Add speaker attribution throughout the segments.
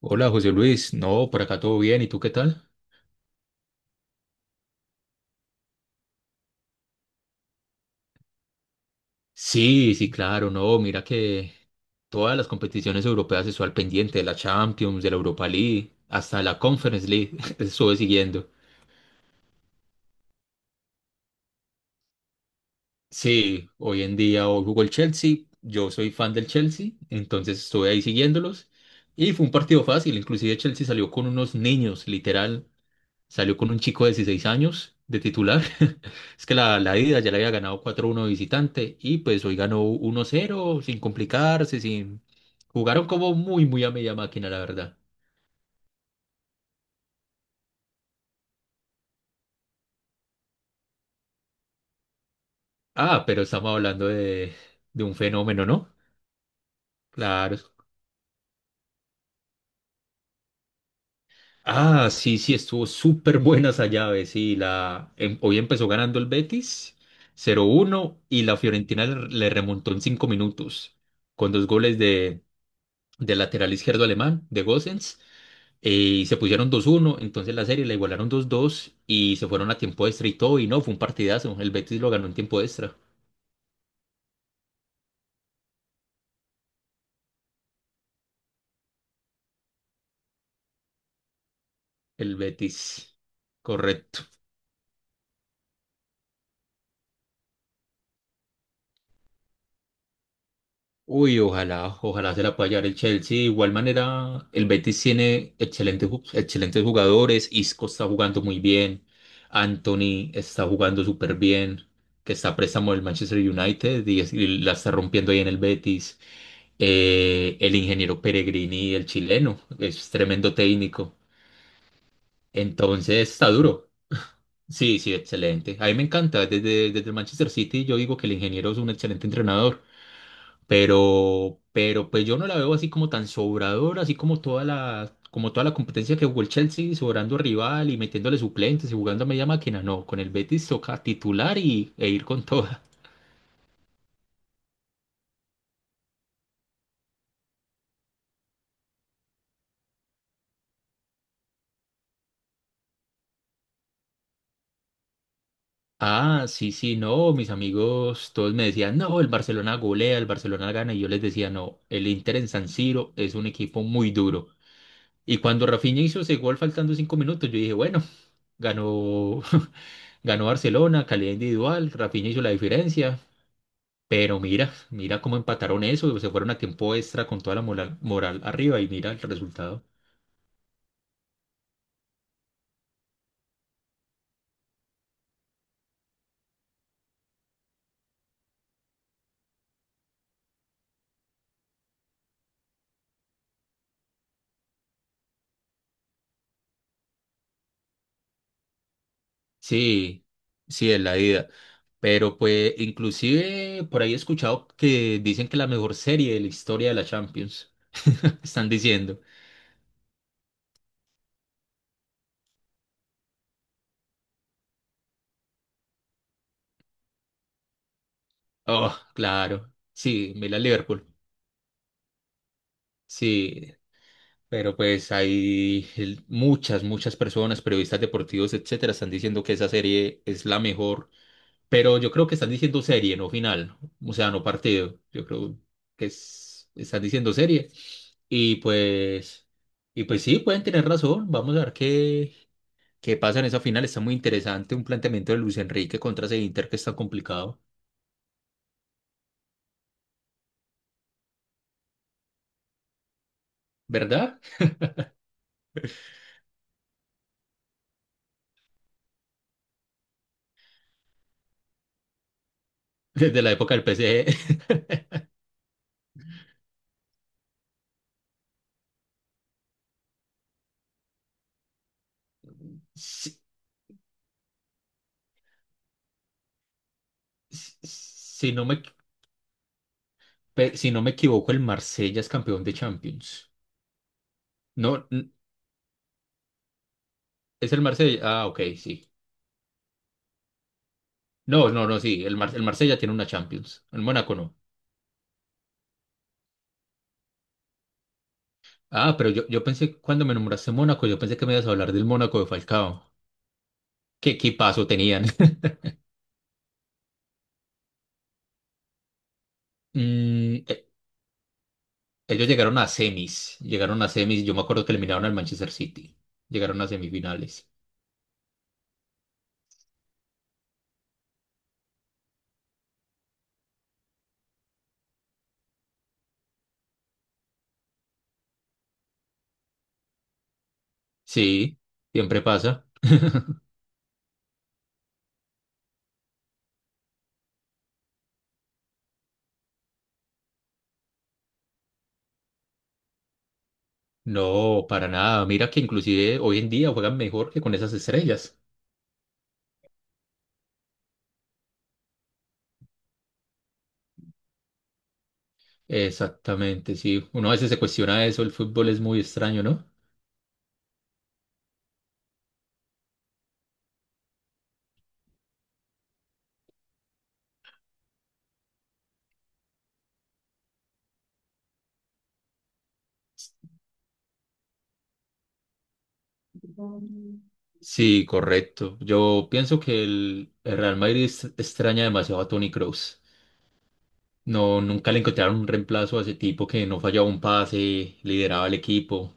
Speaker 1: Hola José Luis, no, por acá todo bien, ¿y tú qué tal? Sí, sí, claro, no, mira que todas las competiciones europeas estoy al pendiente, de la Champions, de la Europa League, hasta la Conference League, estuve siguiendo. Sí, hoy en día hoy jugó el Chelsea, yo soy fan del Chelsea, entonces estuve ahí siguiéndolos y fue un partido fácil, inclusive Chelsea salió con unos niños, literal. Salió con un chico de 16 años de titular. Es que la ida ya le había ganado 4-1 de visitante y pues hoy ganó 1-0 sin complicarse, sin... Jugaron como muy, muy a media máquina, la verdad. Ah, pero estamos hablando de, un fenómeno, ¿no? Claro. Ah, sí, sí, estuvo súper buena esa llave, sí. Hoy empezó ganando el Betis 0-1 y la Fiorentina le remontó en 5 minutos con dos goles del lateral izquierdo alemán, de Gosens. Y se pusieron 2-1, entonces la serie la igualaron 2-2 y se fueron a tiempo extra y todo, y no, fue un partidazo. El Betis lo ganó en tiempo extra. El Betis, correcto. Uy, ojalá, ojalá se la pueda llevar el Chelsea. De igual manera, el Betis tiene excelentes, excelentes jugadores. Isco está jugando muy bien. Anthony está jugando súper bien. Que está a préstamo del Manchester United y, y la está rompiendo ahí en el Betis. El ingeniero Peregrini, el chileno, es tremendo técnico. Entonces está duro. Sí, sí, excelente. A mí me encanta. Desde, desde el Manchester City yo digo que el ingeniero es un excelente entrenador, pero pues yo no la veo así como tan sobradora, así como toda la competencia que jugó el Chelsea, sobrando rival y metiéndole suplentes y jugando a media máquina. No, con el Betis toca titular y, e ir con toda. Ah, sí, sí, no, mis amigos todos me decían, no, el Barcelona golea, el Barcelona gana, y yo les decía, no, el Inter en San Siro es un equipo muy duro. Y cuando Rafinha hizo ese gol faltando 5 minutos, yo dije, bueno, ganó, ganó Barcelona, calidad individual, Rafinha hizo la diferencia. Pero mira, mira cómo empataron eso, se fueron a tiempo extra con toda la moral, arriba y mira el resultado. Sí, sí, es la ida. Pero pues inclusive por ahí he escuchado que dicen que la mejor serie de la historia de la Champions. Están diciendo. Oh, claro. Sí, mira Liverpool. Sí, pero pues muchas, muchas personas, periodistas deportivos, etcétera, están diciendo que esa serie es la mejor. Pero yo creo que están diciendo serie, no final. O sea, no partido. Yo creo que están diciendo serie. Y pues, sí, pueden tener razón. Vamos a ver qué pasa en esa final. Está muy interesante un planteamiento de Luis Enrique contra ese Inter que está complicado, ¿verdad? Desde la época del PSG. Si, si no me, si no me equivoco, el Marsella es campeón de Champions. No, es el Marsella. Ah, ok, sí. No, no, no, sí. El, el Marsella tiene una Champions. El Mónaco no. Ah, pero yo pensé, cuando me nombraste Mónaco, yo pensé que me ibas a hablar del Mónaco de Falcao. ¿Qué equipazo tenían? Mm, e- Ellos llegaron a semis. Llegaron a semis. Yo me acuerdo que eliminaron al Manchester City. Llegaron a semifinales. Sí, siempre pasa. No, para nada. Mira que inclusive hoy en día juegan mejor que con esas estrellas. Exactamente, sí. Uno a veces se cuestiona eso, el fútbol es muy extraño, ¿no? Sí, correcto. Yo pienso que el Real Madrid extraña demasiado a Toni Kroos. No, nunca le encontraron un reemplazo a ese tipo que no fallaba un pase, lideraba el equipo.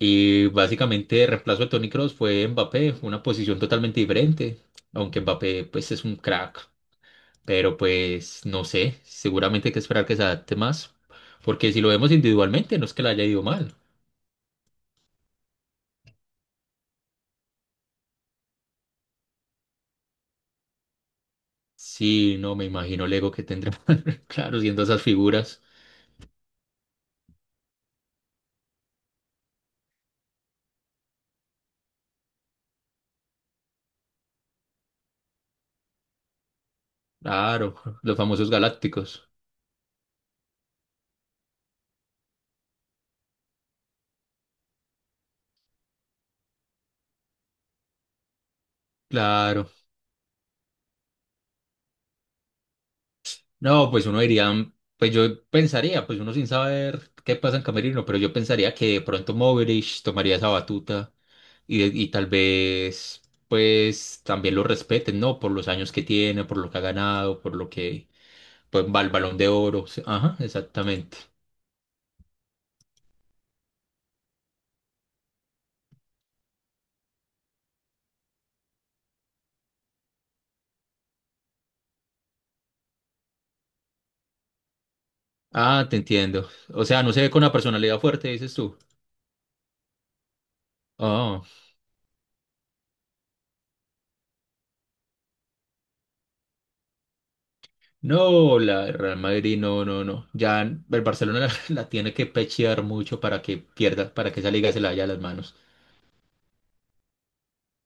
Speaker 1: Y básicamente el reemplazo de Toni Kroos fue Mbappé, una posición totalmente diferente, aunque Mbappé pues es un crack. Pero pues no sé, seguramente hay que esperar que se adapte más, porque si lo vemos individualmente no es que le haya ido mal. Sí, no, me imagino el ego que tendrá. Claro, siendo esas figuras. Claro, los famosos galácticos. Claro. No, pues uno diría, pues yo pensaría, pues uno sin saber qué pasa en Camerino, pero yo pensaría que de pronto Moverich tomaría esa batuta y tal vez, pues también lo respeten, ¿no? Por los años que tiene, por lo que ha ganado, por lo que, pues va al Balón de Oro. Sí, ajá, exactamente. Ah, te entiendo. O sea, no se ve con una personalidad fuerte, dices tú. Ah. No, la el Real Madrid, no, no, no. Ya el Barcelona la, tiene que pechear mucho para que pierda, para que esa liga se la haya a las manos.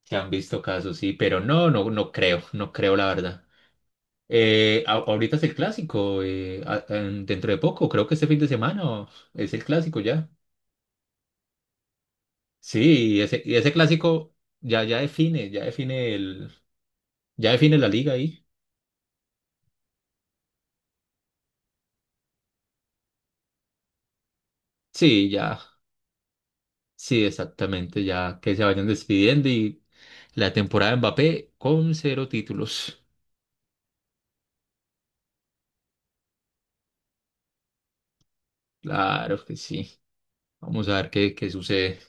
Speaker 1: Se han visto casos, sí, pero no, no, no creo, no creo la verdad. Ahorita es el clásico, dentro de poco, creo que este fin de semana es el clásico ya. Sí, y ese clásico ya, ya define el, ya define la liga ahí. Sí, ya, sí, exactamente, ya que se vayan despidiendo y la temporada de Mbappé con cero títulos. Claro que sí. Vamos a ver qué sucede.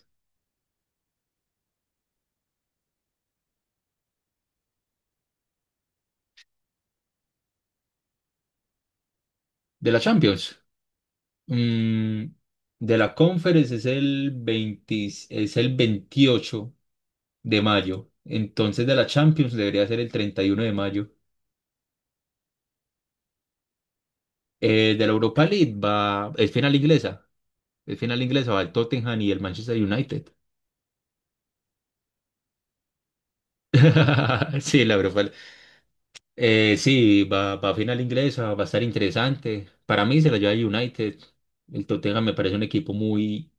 Speaker 1: De la Champions. mm, de la Conference es el 20, es el 28 de mayo. Entonces de la Champions debería ser el 31 de mayo. De la Europa League va, es final inglesa. Es final inglesa, va el Tottenham y el Manchester United. Sí, la Europa. Sí, va a final inglesa, va a estar interesante. Para mí se la lleva el United. El Tottenham me parece un equipo muy,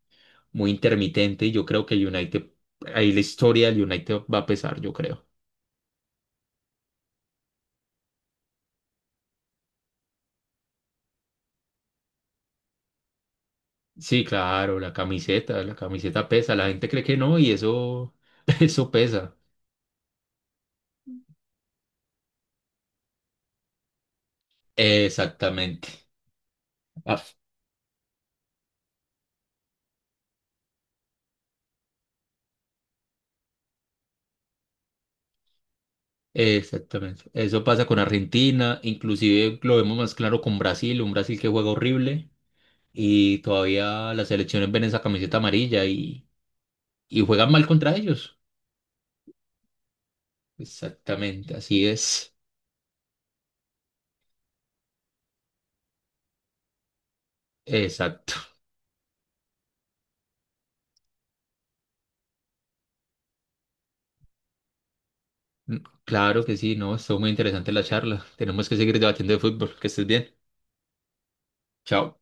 Speaker 1: muy intermitente y yo creo que el United, ahí la historia del United va a pesar, yo creo. Sí, claro, la camiseta pesa, la gente cree que no y eso, eso pesa. Exactamente. Ah, exactamente. Eso pasa con Argentina, inclusive lo vemos más claro con Brasil, un Brasil que juega horrible. Y todavía las selecciones ven esa camiseta amarilla y juegan mal contra ellos. Exactamente, así es. Exacto. Mm, Claro que sí, no, estuvo muy interesante la charla. Tenemos que seguir debatiendo de fútbol. Que estés bien. Chao.